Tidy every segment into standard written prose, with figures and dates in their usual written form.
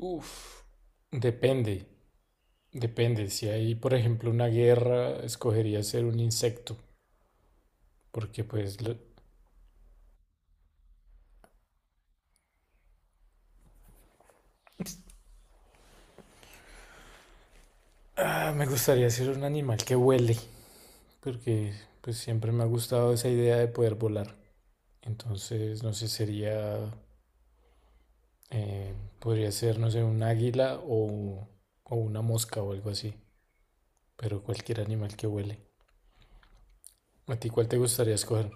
Uf, depende, depende. Si hay, por ejemplo, una guerra, escogería ser un insecto, porque me gustaría ser un animal que huele, porque pues siempre me ha gustado esa idea de poder volar. Entonces, no sé, sería, eh, podría ser, no sé, un águila o una mosca o algo así, pero cualquier animal que huele. ¿A ti cuál te gustaría escoger?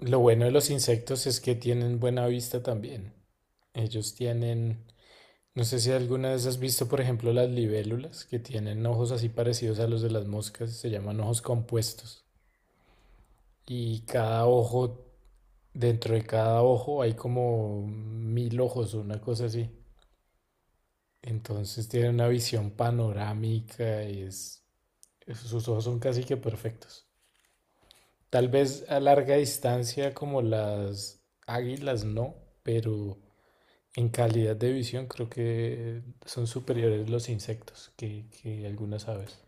Lo bueno de los insectos es que tienen buena vista también. Ellos tienen. No sé si alguna vez has visto, por ejemplo, las libélulas que tienen ojos así parecidos a los de las moscas, se llaman ojos compuestos. Y cada ojo, dentro de cada ojo hay como mil ojos, una cosa así. Entonces tienen una visión panorámica y es, sus ojos son casi que perfectos. Tal vez a larga distancia como las águilas no, pero en calidad de visión creo que son superiores los insectos que algunas aves.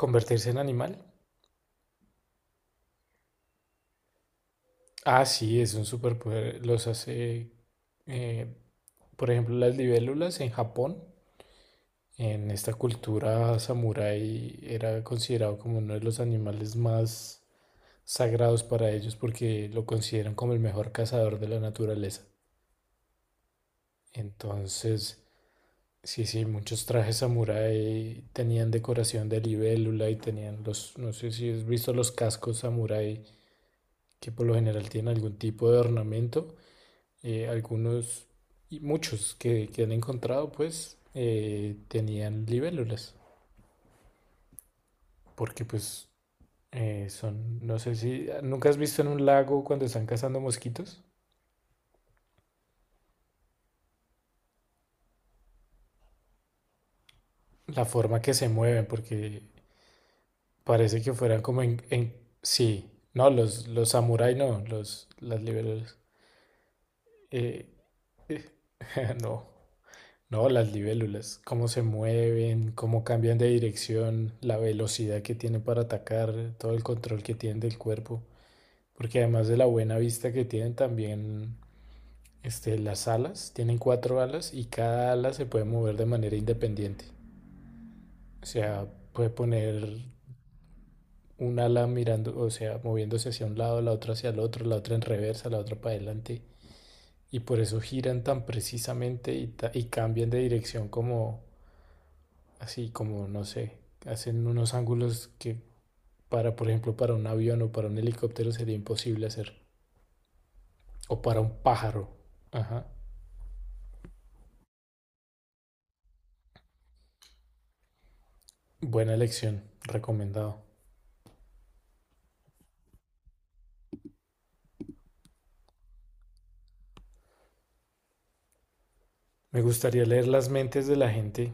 ¿Convertirse en animal? Ah, sí, es un superpoder. Los hace, eh, por ejemplo, las libélulas en Japón. En esta cultura samurái era considerado como uno de los animales más sagrados para ellos porque lo consideran como el mejor cazador de la naturaleza. Entonces, sí, sí, muchos trajes samurái tenían decoración de libélula y tenían los, no sé si has visto los cascos samurái que por lo general tienen algún tipo de ornamento. Algunos y muchos que han encontrado pues tenían libélulas porque pues son, no sé si nunca has visto en un lago cuando están cazando mosquitos la forma que se mueven porque parece que fueran como sí no los samurái, no los las libélulas. Eh, no No, las libélulas, cómo se mueven, cómo cambian de dirección, la velocidad que tienen para atacar, todo el control que tienen del cuerpo. Porque además de la buena vista que tienen, también este, las alas, tienen cuatro alas y cada ala se puede mover de manera independiente. O sea, puede poner un ala mirando, o sea, moviéndose hacia un lado, la otra hacia el otro, la otra en reversa, la otra para adelante. Y por eso giran tan precisamente y, y cambian de dirección como, así como, no sé, hacen unos ángulos que por ejemplo, para un avión o para un helicóptero sería imposible hacer. O para un pájaro. Ajá. Buena elección, recomendado. Me gustaría leer las mentes de la gente.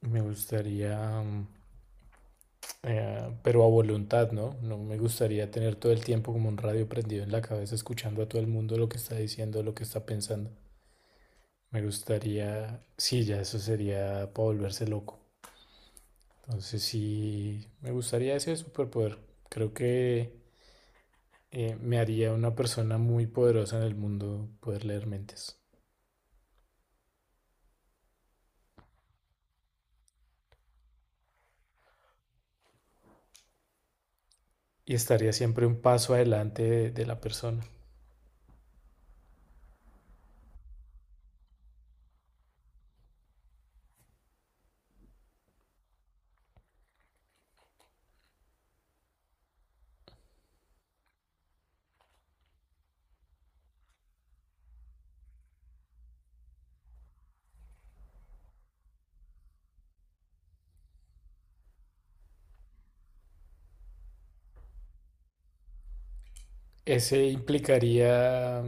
Me gustaría, mm, pero a voluntad, ¿no? No me gustaría tener todo el tiempo como un radio prendido en la cabeza, escuchando a todo el mundo lo que está diciendo, lo que está pensando. Me gustaría, sí, ya eso sería para volverse loco. Entonces sí, me gustaría ese superpoder. Creo que me haría una persona muy poderosa en el mundo poder leer mentes. Y estaría siempre un paso adelante de la persona. Ese implicaría,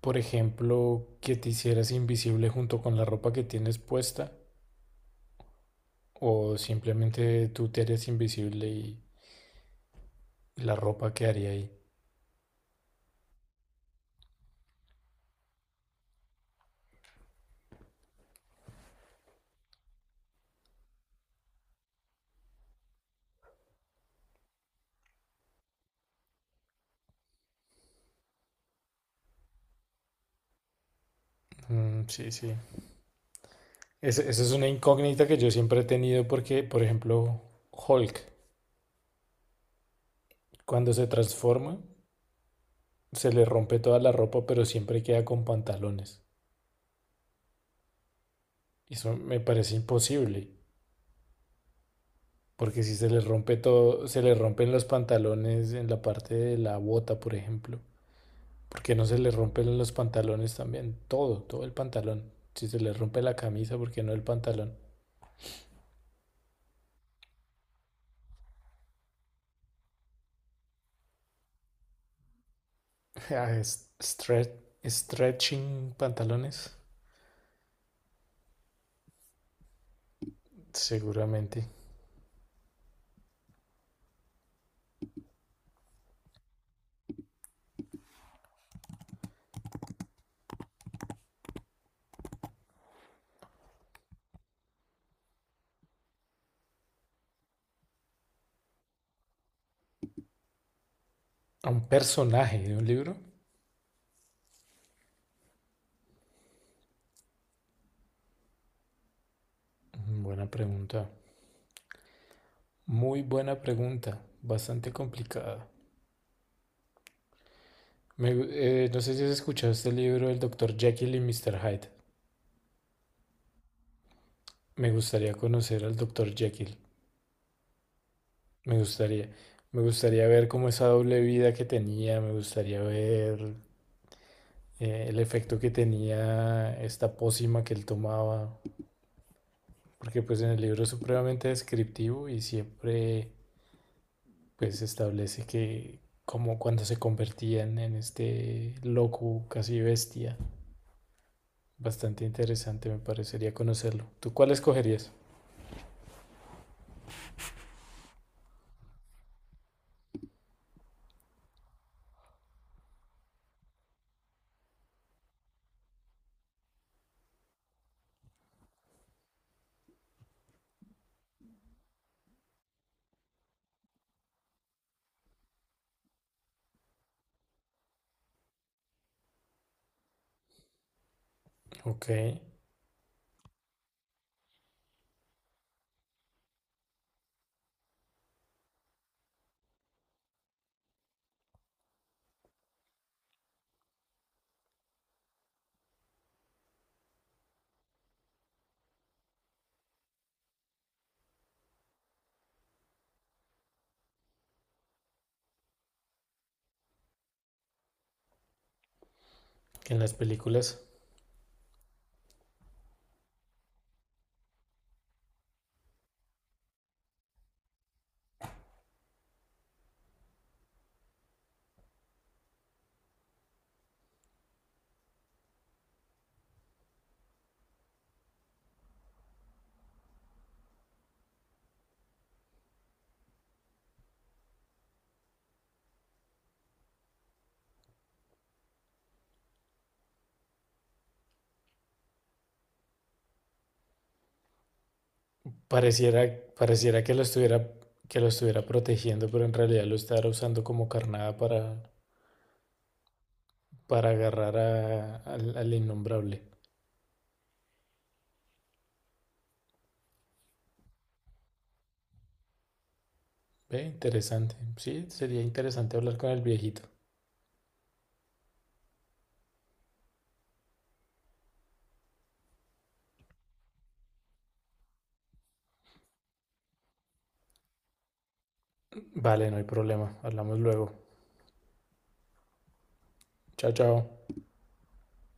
por ejemplo, que te hicieras invisible junto con la ropa que tienes puesta. O simplemente tú te harías invisible y la ropa quedaría ahí. Mm, sí, sí. Esa es una incógnita que yo siempre he tenido porque, por ejemplo, Hulk. Cuando se transforma, se le rompe toda la ropa, pero siempre queda con pantalones. Eso me parece imposible, porque si se le rompe todo, se le rompen los pantalones en la parte de la bota, por ejemplo. ¿Por qué no se le rompen los pantalones también? Todo, todo el pantalón. Si se le rompe la camisa, ¿por qué no el pantalón? Ah, es- stre- Stretching pantalones, seguramente. ¿A un personaje de un libro? Mm, buena pregunta. Muy buena pregunta, bastante complicada. No sé si has escuchado este libro del doctor Jekyll y Mr. Hyde. Me gustaría conocer al doctor Jekyll. Me gustaría. Me gustaría ver cómo esa doble vida que tenía. Me gustaría ver el efecto que tenía esta pócima que él tomaba. Porque pues en el libro es supremamente descriptivo y siempre pues establece que como cuando se convertían en este loco casi bestia. Bastante interesante, me parecería conocerlo. ¿Tú cuál escogerías? Ok, en las películas pareciera, pareciera que lo estuviera protegiendo, pero en realidad lo estará usando como carnada para agarrar al, al innombrable. Ve, interesante. Sí, sería interesante hablar con el viejito. Vale, no hay problema. Hablamos luego. Chao, chao.